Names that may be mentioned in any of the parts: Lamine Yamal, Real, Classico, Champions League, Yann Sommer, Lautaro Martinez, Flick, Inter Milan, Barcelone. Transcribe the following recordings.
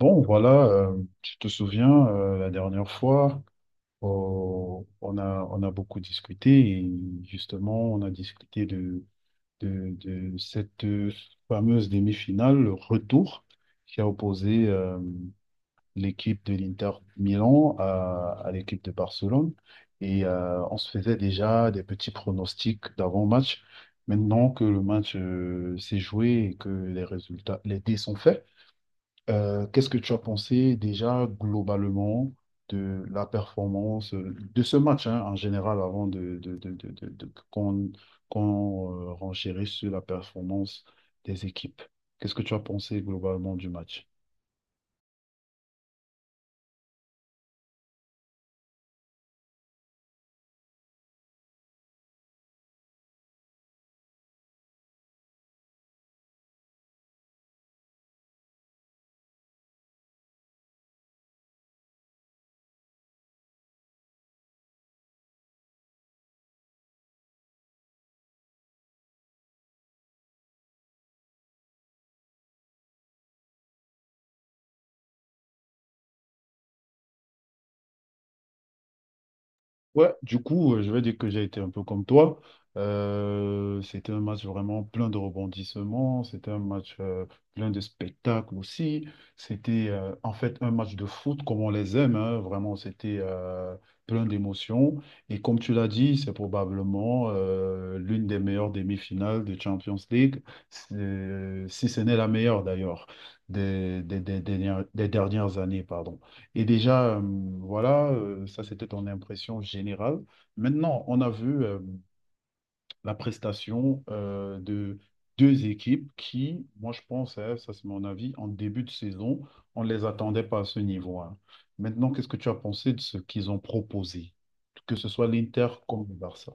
Bon, voilà, tu te souviens, la dernière fois, oh, on a beaucoup discuté et justement, on a discuté de, de cette fameuse demi-finale, le retour, qui a opposé l'équipe de l'Inter Milan à l'équipe de Barcelone. Et on se faisait déjà des petits pronostics d'avant-match. Maintenant que le match s'est joué et que les résultats, les dés sont faits, qu'est-ce que tu as pensé déjà globalement de la performance de ce match hein, en général avant qu'on qu'on renchérisse sur la performance des équipes? Qu'est-ce que tu as pensé globalement du match? Ouais, du coup, je vais dire que j'ai été un peu comme toi. C'était un match vraiment plein de rebondissements, c'était un match plein de spectacles aussi. C'était en fait un match de foot comme on les aime, hein. Vraiment, c'était plein d'émotions. Et comme tu l'as dit, c'est probablement l'une des meilleures demi-finales de Champions League. Si ce n'est la meilleure d'ailleurs des dernières années, pardon. Et déjà, voilà, ça c'était ton impression générale. Maintenant, on a vu la prestation de deux équipes qui, moi je pense, hein, ça c'est mon avis, en début de saison, on ne les attendait pas à ce niveau, hein. Maintenant, qu'est-ce que tu as pensé de ce qu'ils ont proposé, que ce soit l'Inter comme le Barça?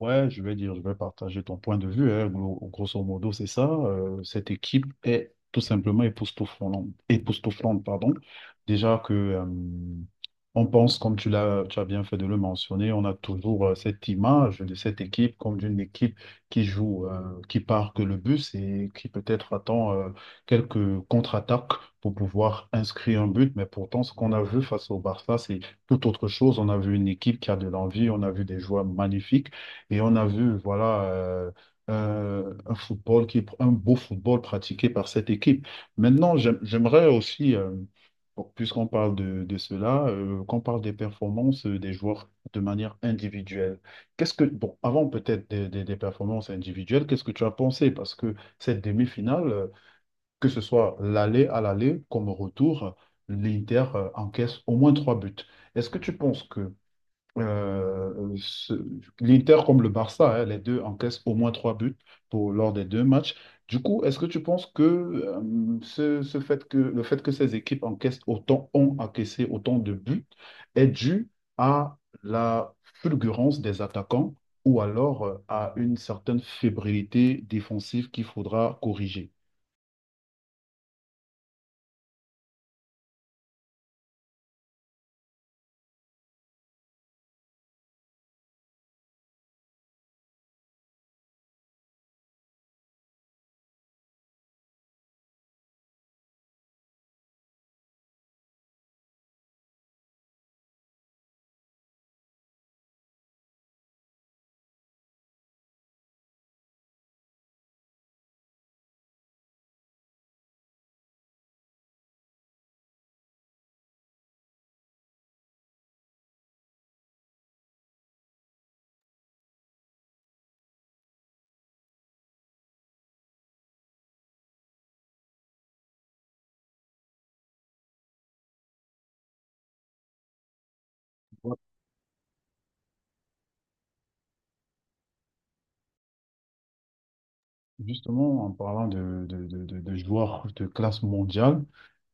Ouais, je vais dire, je vais partager ton point de vue, hein. Grosso modo, c'est ça. Cette équipe est tout simplement époustouflante, époustouflante, pardon. Déjà que on pense, comme tu as bien fait de le mentionner, on a toujours cette image de cette équipe comme d'une équipe qui joue, qui part que le bus et qui peut-être attend quelques contre-attaques pour pouvoir inscrire un but. Mais pourtant, ce qu'on a vu face au Barça, c'est tout autre chose. On a vu une équipe qui a de l'envie, on a vu des joueurs magnifiques. Et on a vu, voilà, un football qui, un beau football pratiqué par cette équipe. Maintenant, j'aimerais aussi, bon, puisqu'on parle de cela, qu'on parle des performances des joueurs de manière individuelle. Qu'est-ce que, bon, avant peut-être des performances individuelles, qu'est-ce que tu as pensé? Parce que cette demi-finale, que ce soit l'aller comme au retour, l'Inter encaisse au moins trois buts. Est-ce que tu penses que euh, ce- l'Inter comme le Barça, hein, les deux encaissent au moins trois buts pour, lors des deux matchs. Du coup, est-ce que tu penses que, ce, ce fait que le fait que ces équipes encaissent autant, ont encaissé autant de buts est dû à la fulgurance des attaquants ou alors à une certaine fébrilité défensive qu'il faudra corriger? Justement, en parlant de joueurs de classe mondiale,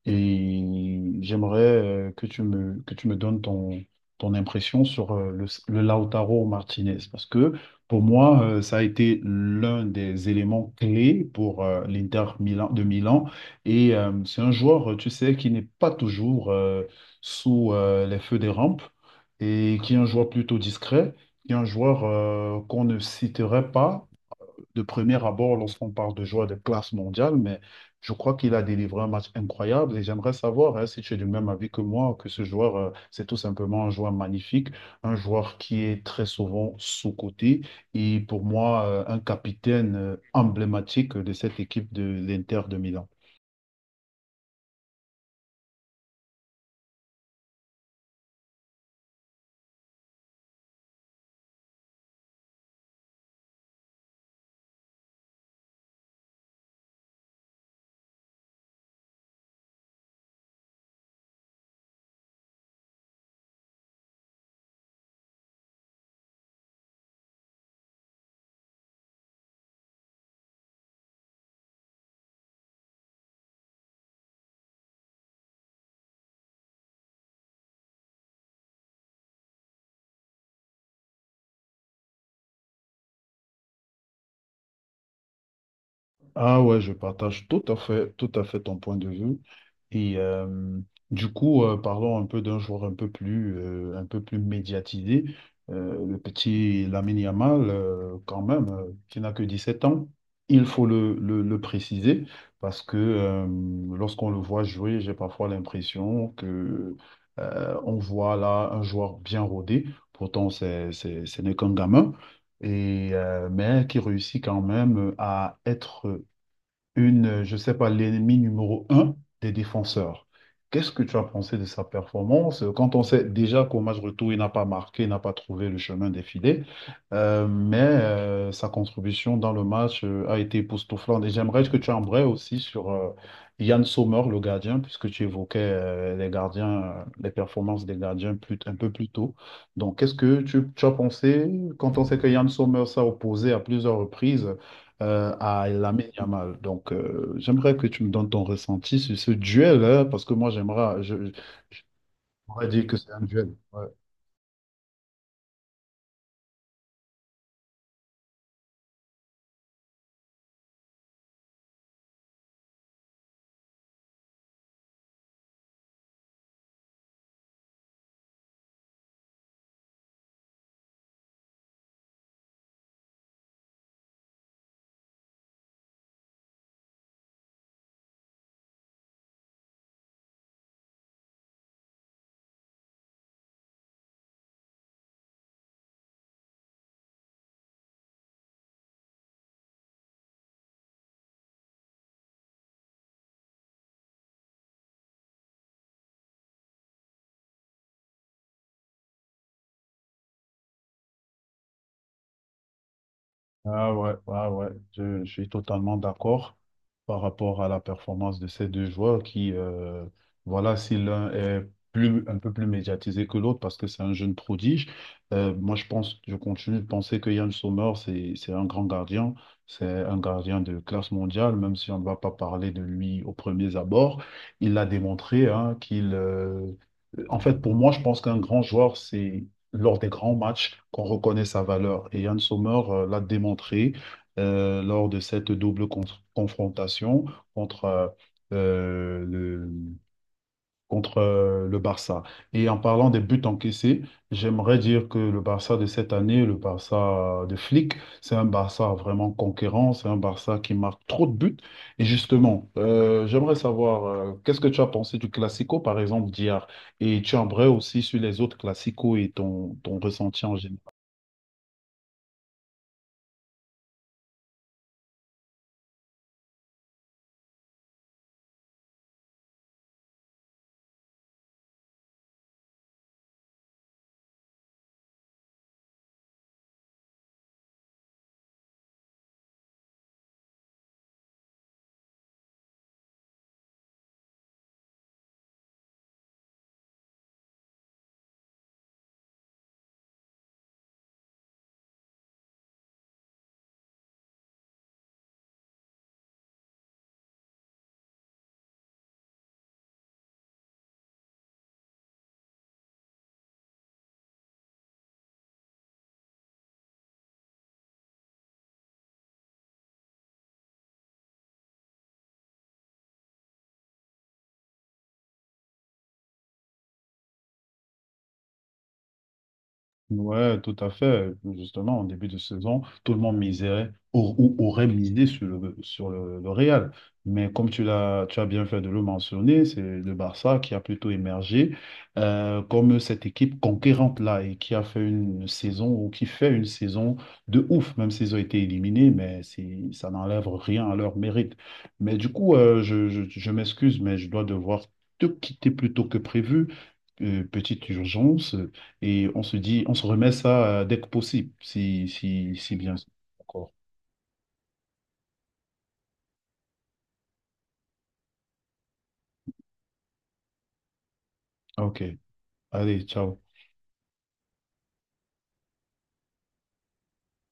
et j'aimerais que que tu me donnes ton, ton impression sur le Lautaro Martinez, parce que pour moi, ça a été l'un des éléments clés pour de Milan. Et c'est un joueur, tu sais, qui n'est pas toujours sous les feux des rampes, et qui est un joueur plutôt discret, qui est un joueur qu'on ne citerait pas de premier abord lorsqu'on parle de joueurs de classe mondiale, mais je crois qu'il a délivré un match incroyable et j'aimerais savoir hein, si tu es du même avis que moi, que ce joueur, c'est tout simplement un joueur magnifique, un joueur qui est très souvent sous-coté et pour moi, un capitaine emblématique de cette équipe de l'Inter de Milan. Ah ouais, je partage tout à fait ton point de vue. Et du coup, parlons un peu d'un joueur un peu plus médiatisé, euh, le petit Lamine Yamal, quand même, qui n'a que 17 ans. Il faut le préciser parce que lorsqu'on le voit jouer, j'ai parfois l'impression que on voit là un joueur bien rodé. Pourtant, ce n'est qu'un gamin et, mais qui réussit quand même à être une, je sais pas, l'ennemi numéro un des défenseurs. Qu'est-ce que tu as pensé de sa performance quand on sait déjà qu'au match retour, il n'a pas marqué, il n'a pas trouvé le chemin des. Mais sa contribution dans le match a été époustouflante. Et j'aimerais que tu embrayes aussi sur Yann Sommer, le gardien, puisque tu évoquais les gardiens, les performances des gardiens plus, un peu plus tôt. Donc, qu'est-ce que tu as pensé quand on sait que Yann Sommer s'est opposé à plusieurs reprises? À Lamine Yamal. Donc, j'aimerais que tu me donnes ton ressenti sur ce duel, hein, parce que moi, j'aurais dit que c'est un duel. Ouais. Ah ouais, ah ouais, je suis totalement d'accord par rapport à la performance de ces deux joueurs qui, voilà, si l'un est plus, un peu plus médiatisé que l'autre parce que c'est un jeune prodige, moi je pense, je continue de penser que Yann Sommer, c'est un grand gardien, c'est un gardien de classe mondiale, même si on ne va pas parler de lui aux premiers abords. Il l'a démontré, hein, qu'il, en fait, pour moi, je pense qu'un grand joueur, c'est lors des grands matchs qu'on reconnaît sa valeur. Et Yann Sommer l'a démontré lors de cette confrontation contre euh, euh, le, contre le Barça. Et en parlant des buts encaissés, j'aimerais dire que le Barça de cette année, le Barça de Flick, c'est un Barça vraiment conquérant, c'est un Barça qui marque trop de buts. Et justement, j'aimerais savoir, qu'est-ce que tu as pensé du Classico, par exemple, d'hier? Et tu aimerais aussi sur les autres Classicos et ton, ton ressenti en général. Ouais, tout à fait. Justement, en début de saison, tout le monde ou aurait misé sur le Real. Mais comme tu as bien fait de le mentionner, c'est le Barça qui a plutôt émergé comme cette équipe conquérante-là et qui a fait une saison ou qui fait une saison de ouf, même s'ils ont été éliminés, mais c'est, ça n'enlève rien à leur mérite. Mais du coup, je m'excuse, mais je dois devoir te quitter plus tôt que prévu. Euh, petite urgence. Et on se dit, on se remet ça dès que possible, si, si, si bien sûr. D'accord. Ok. Allez, ciao.